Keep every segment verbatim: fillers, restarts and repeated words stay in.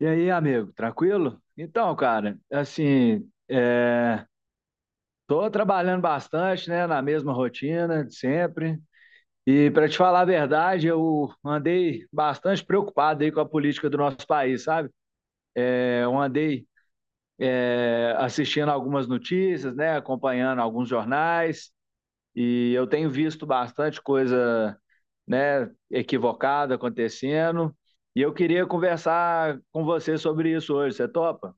E aí, amigo, tranquilo? Então, cara, assim, é, tô trabalhando bastante, né, na mesma rotina de sempre. E para te falar a verdade, eu andei bastante preocupado aí com a política do nosso país, sabe? É, Eu andei é, assistindo algumas notícias, né, acompanhando alguns jornais, e eu tenho visto bastante coisa, né, equivocada acontecendo. E eu queria conversar com você sobre isso hoje, você topa?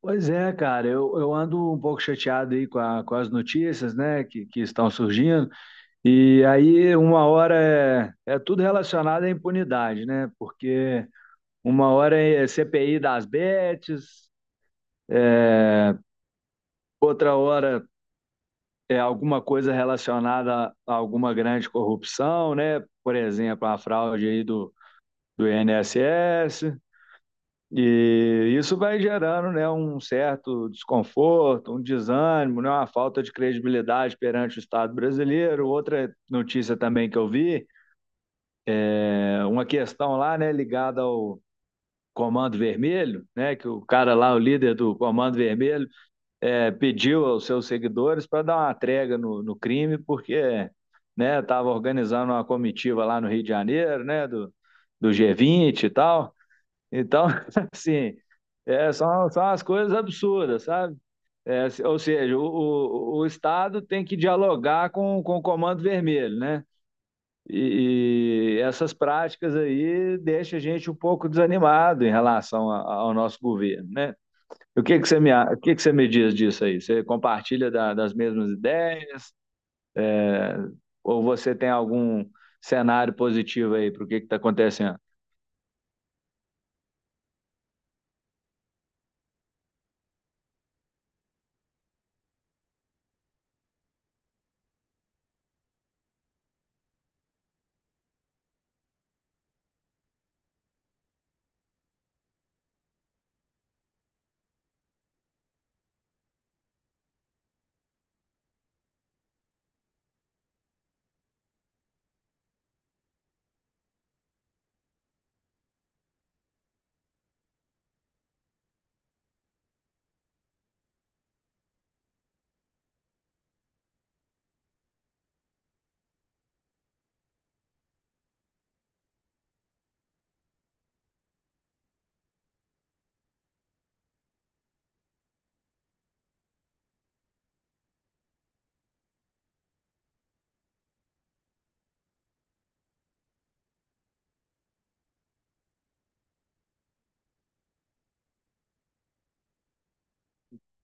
Pois é, cara, eu, eu ando um pouco chateado aí com, a- com as notícias, né, que, que estão surgindo, e aí uma hora é, é tudo relacionado à impunidade, né, porque uma hora é C P I das bets, é, outra hora é alguma coisa relacionada a alguma grande corrupção, né, por exemplo, a fraude aí do, do I N S S. E isso vai gerando, né, um certo desconforto, um desânimo, né, uma falta de credibilidade perante o Estado brasileiro. Outra notícia também que eu vi, é uma questão lá, né, ligada ao Comando Vermelho, né, que o cara lá, o líder do Comando Vermelho, é, pediu aos seus seguidores para dar uma trégua no, no crime, porque, né, estava organizando uma comitiva lá no Rio de Janeiro, né, do, do G vinte e tal. Então, assim, é, são, são as coisas absurdas, sabe? É, se- ou seja, o, o, o Estado tem que dialogar com, com o Comando Vermelho, né? E, e essas práticas aí deixam a gente um pouco desanimado em relação a- a- ao nosso governo, né? O que que você me, a- o que que você me diz disso aí? Você compartilha da- das mesmas ideias? É, ou você tem algum cenário positivo aí para o que está acontecendo?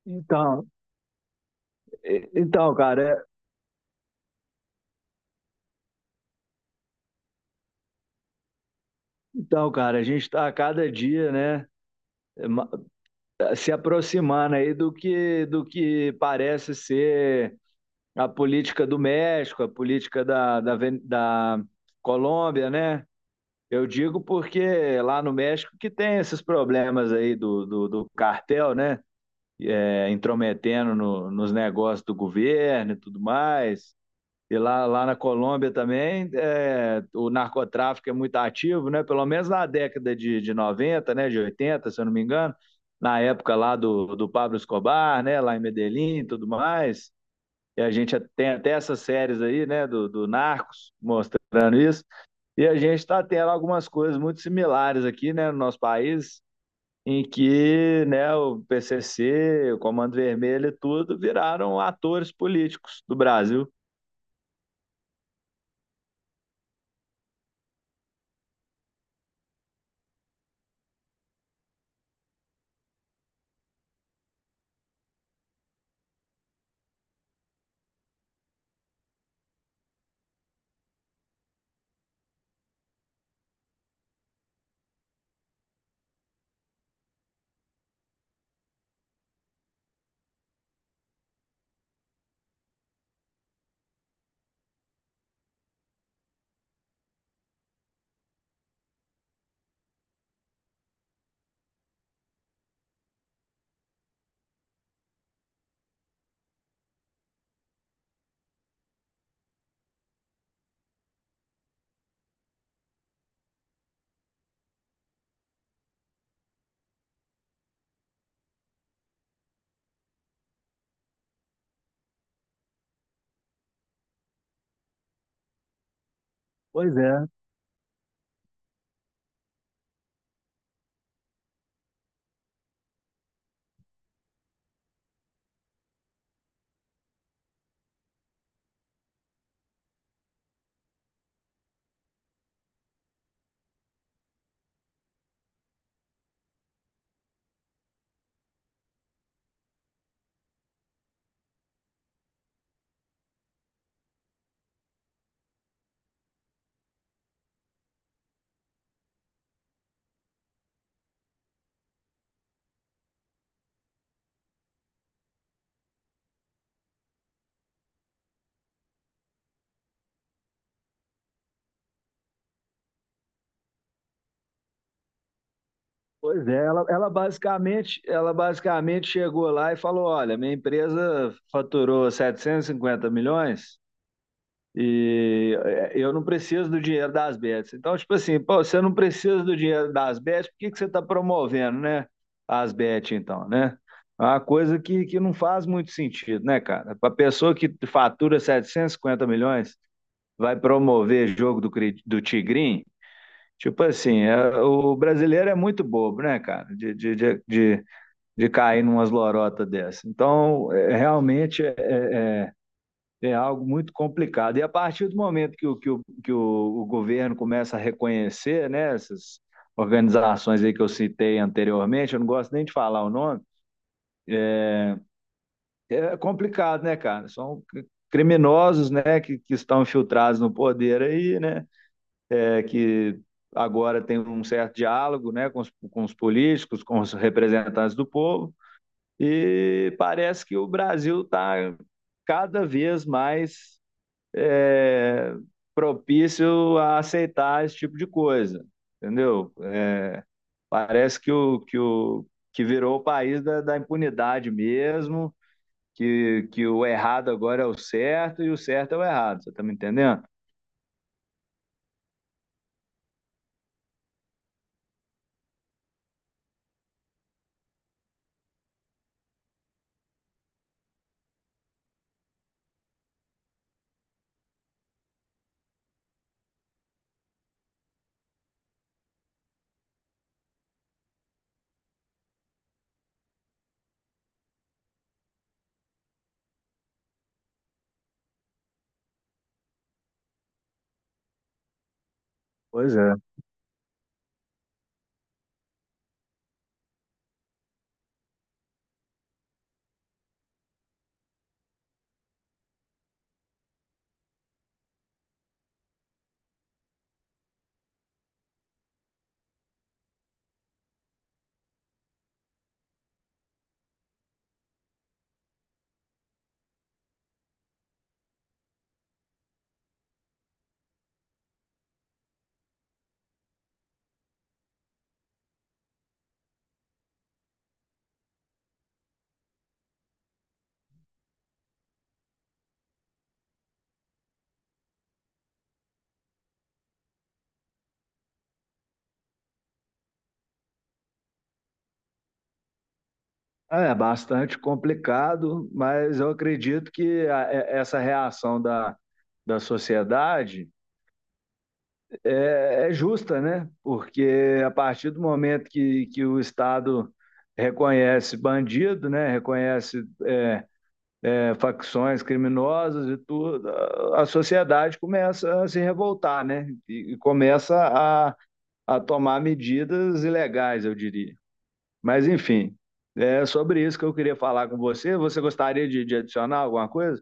Então, e- então, cara, Então, cara, a gente está a cada dia, né, ma- se aproximando aí do que, do que parece ser a política do México, a política da, da, Ven- da Colômbia, né? Eu digo porque lá no México que tem esses problemas aí do, do, do cartel, né? É, intrometendo no- nos negócios do governo e tudo mais. E lá, lá na Colômbia também, é, o narcotráfico é muito ativo, né? Pelo menos na década de, de noventa, né? De oitenta, se eu não me engano, na época lá do, do Pablo Escobar, né? Lá em Medellín e tudo mais. E a gente tem até essas séries aí, né? Do, do Narcos, mostrando isso. E a gente está tendo algumas coisas muito similares aqui, né? No nosso país, em que né, o P C C, o Comando Vermelho e tudo viraram atores políticos do Brasil. Pois é, Pois é, ela, ela basicamente, ela basicamente chegou lá e falou: olha, minha empresa faturou setecentos e cinquenta milhões e eh, eu não preciso do dinheiro das bets. Então, tipo assim, pô, você não precisa do dinheiro das bets, por que que você está promovendo, né? As bets, então, né? É uma coisa que, que não faz muito sentido, né, cara? Para pessoa que fatura setecentos e cinquenta milhões, vai promover jogo do, Cri- do Tigrinho? Tipo assim, é- o brasileiro é muito bobo, né, cara, de, de, de, de, de cair numas lorotas dessa. Então, é, realmente é, é- é é algo muito complicado. E a partir do momento que o, que o, que o, o governo começa a reconhecer, né, essas organizações aí que eu citei anteriormente, eu não gosto nem de falar o nome, é complicado, né, cara? São cri- criminosos, né, que, que estão infiltrados no poder aí, né? É que agora tem um certo diálogo né, com os, com os políticos, com os representantes do povo, e parece que o Brasil está cada vez mais é, propício a aceitar esse tipo de coisa, entendeu? Parece que o que, o, que virou o país da, da impunidade mesmo, que, que o errado agora é o certo e o certo é o errado, você está me entendendo? Pois é, é é bastante complicado, mas eu acredito que a- é- essa reação da, da sociedade é, é justa, né? Porque a partir do momento que, que o Estado reconhece bandido, né? Reconhece é, é, facções criminosas e tudo, a a sociedade começa a se revoltar, né? E, e começa a, a tomar medidas ilegais, eu diria. Mas, enfim, é sobre isso que eu queria falar com você. Você gostaria de, de adicionar alguma coisa?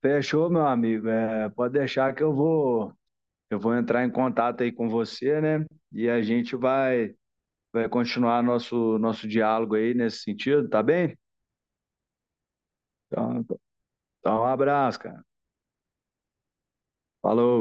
Fechou, meu amigo. É, pode deixar que eu vou, eu vou entrar em contato aí com você, né? E a gente vai, vai continuar nosso, nosso diálogo aí nesse sentido, tá bem? Então, então, um abraço, cara. Falou.